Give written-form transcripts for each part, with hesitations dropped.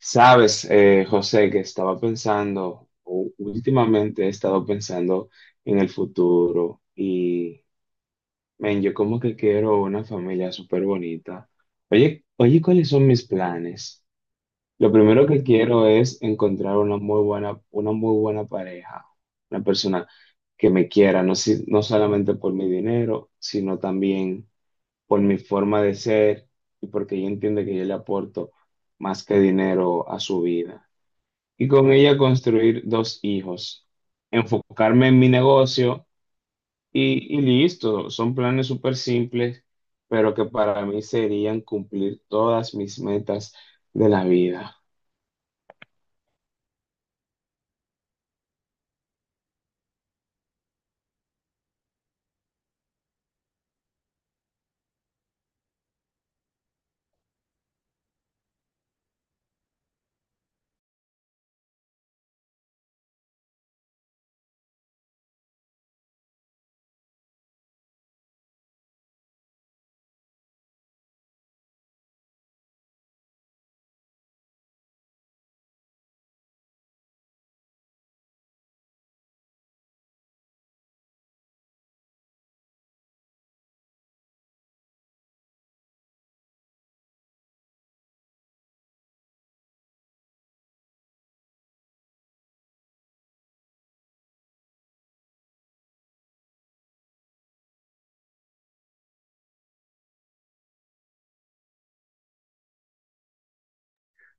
Sabes, José, que estaba pensando, o últimamente he estado pensando en el futuro, men, yo como que quiero una familia súper bonita. Oye, ¿cuáles son mis planes? Lo primero que quiero es encontrar una muy buena pareja, una persona que me quiera, no solamente por mi dinero, sino también por mi forma de ser y porque ella entiende que yo le aporto más que dinero a su vida y con ella construir dos hijos, enfocarme en mi negocio y listo. Son planes súper simples, pero que para mí serían cumplir todas mis metas de la vida.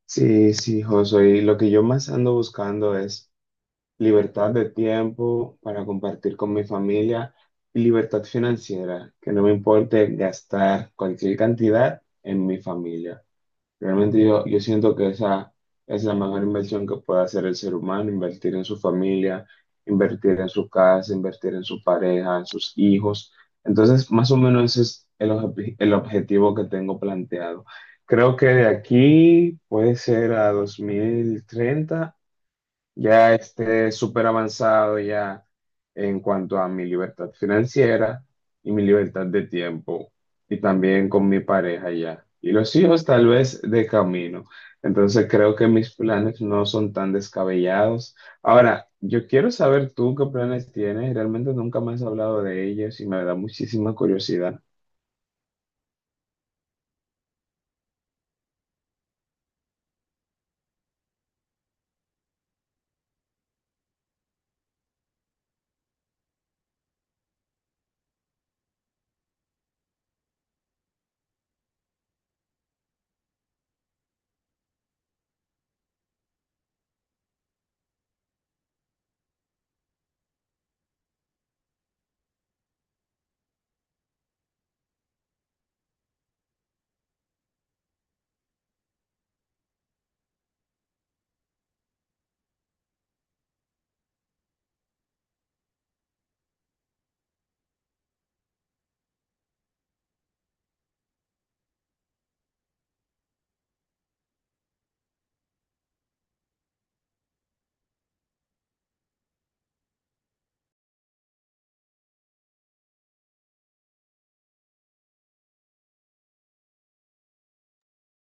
Sí, sí, José, y lo que yo más ando buscando es libertad de tiempo para compartir con mi familia y libertad financiera, que no me importe gastar cualquier cantidad en mi familia. Realmente yo siento que esa es la mejor inversión que puede hacer el ser humano: invertir en su familia, invertir en su casa, invertir en su pareja, en sus hijos. Entonces, más o menos ese es el objetivo que tengo planteado. Creo que de aquí puede ser a 2030 ya esté súper avanzado ya en cuanto a mi libertad financiera y mi libertad de tiempo y también con mi pareja ya. Y los hijos tal vez de camino. Entonces creo que mis planes no son tan descabellados. Ahora, yo quiero saber tú qué planes tienes. Realmente nunca me has hablado de ellos y me da muchísima curiosidad.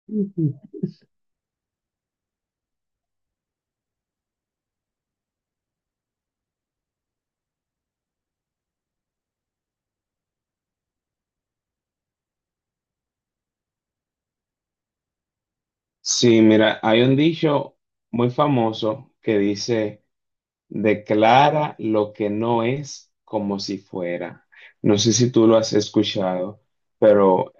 Ujú. Sí, mira, hay un dicho muy famoso que dice... Declara lo que no es como si fuera. No sé si tú lo has escuchado, pero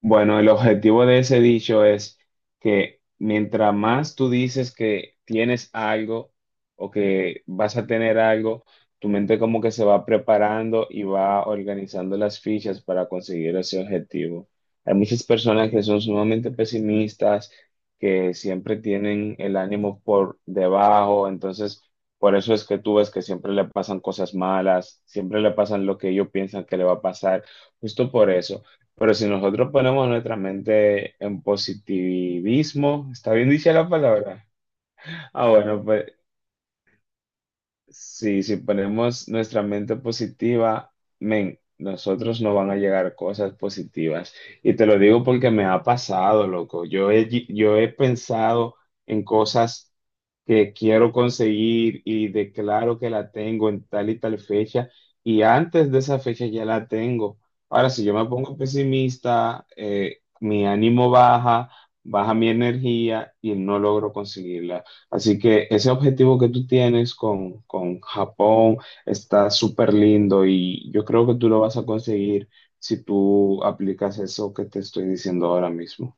bueno, el objetivo de ese dicho es que mientras más tú dices que tienes algo o que vas a tener algo, tu mente como que se va preparando y va organizando las fichas para conseguir ese objetivo. Hay muchas personas que son sumamente pesimistas, que siempre tienen el ánimo por debajo, entonces por eso es que tú ves que siempre le pasan cosas malas, siempre le pasan lo que ellos piensan que le va a pasar, justo por eso. Pero si nosotros ponemos nuestra mente en positivismo, ¿está bien dicha la palabra? Ah, bueno, pues sí, si ponemos nuestra mente positiva, men, nosotros nos van a llegar cosas positivas. Y te lo digo porque me ha pasado, loco. Yo he pensado en cosas que quiero conseguir y declaro que la tengo en tal y tal fecha y antes de esa fecha ya la tengo. Ahora, si yo me pongo pesimista, mi ánimo baja, baja mi energía y no logro conseguirla. Así que ese objetivo que tú tienes con Japón está súper lindo y yo creo que tú lo vas a conseguir si tú aplicas eso que te estoy diciendo ahora mismo.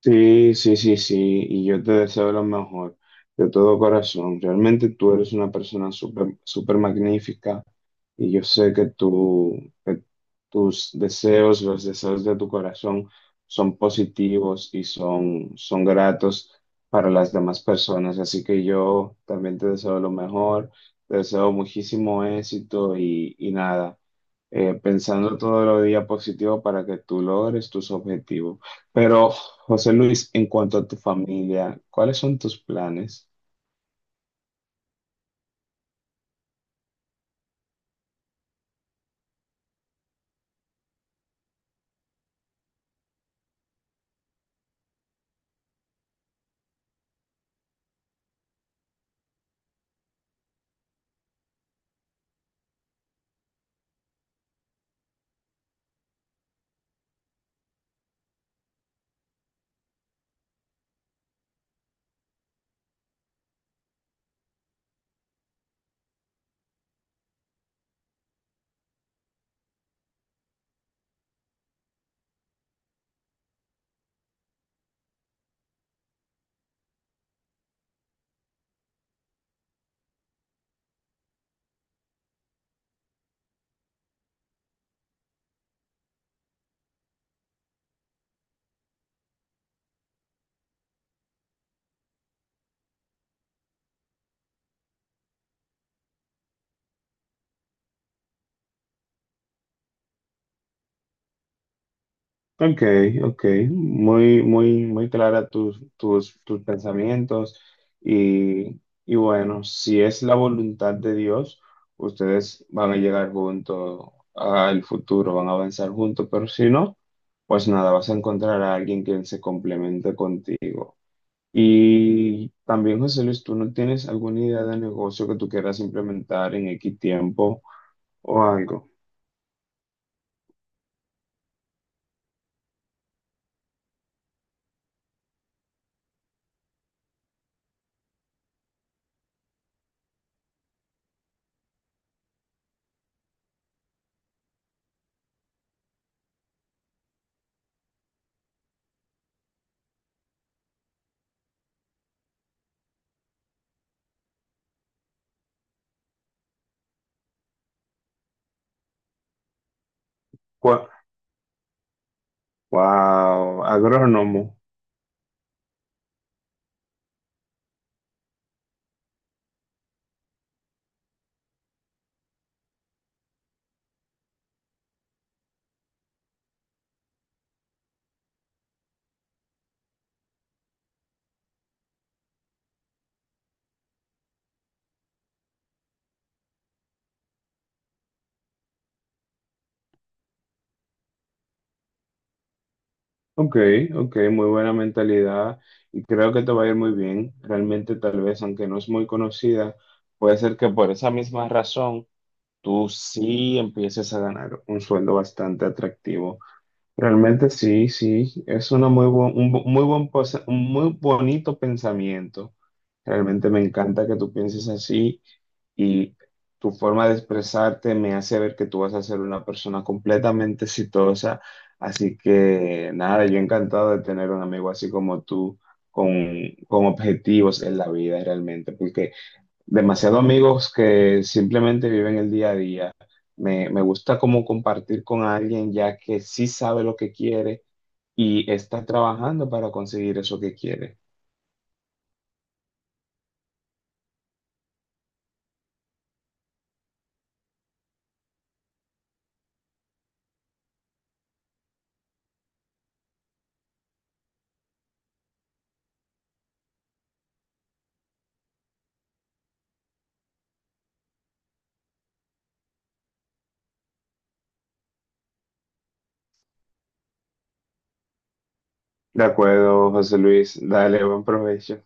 Sí, sí, sí, sí, y yo te deseo lo mejor de todo corazón. Realmente tú eres una persona súper, súper magnífica y yo sé que tus deseos, los deseos de tu corazón son positivos y son gratos para las demás personas. Así que yo también te deseo lo mejor, te deseo muchísimo éxito y nada, pensando todos los días positivo para que tú logres tus objetivos. Pero, José Luis, en cuanto a tu familia, ¿cuáles son tus planes? Ok, ok, muy clara tus pensamientos y, y bueno, si es la voluntad de Dios, ustedes van a llegar juntos al futuro, van a avanzar juntos, pero si no, pues nada, vas a encontrar a alguien que se complemente contigo. Y también, José Luis, ¿tú no tienes alguna idea de negocio que tú quieras implementar en X tiempo o algo? Gua- Wow, agrónomo. Ok, ok, muy buena mentalidad y creo que te va a ir muy bien. Realmente, tal vez, aunque no es muy conocida, puede ser que por esa misma razón tú sí empieces a ganar un sueldo bastante atractivo. Realmente sí, sí, es una muy un muy bonito pensamiento. Realmente me encanta que tú pienses así y tu forma de expresarte me hace ver que tú vas a ser una persona completamente exitosa. Así que nada, yo encantado de tener un amigo así como tú, con objetivos en la vida realmente, porque demasiados amigos que simplemente viven el día a día. Me gusta como compartir con alguien ya que sí sabe lo que quiere y está trabajando para conseguir eso que quiere. De acuerdo, José Luis. Dale, buen provecho.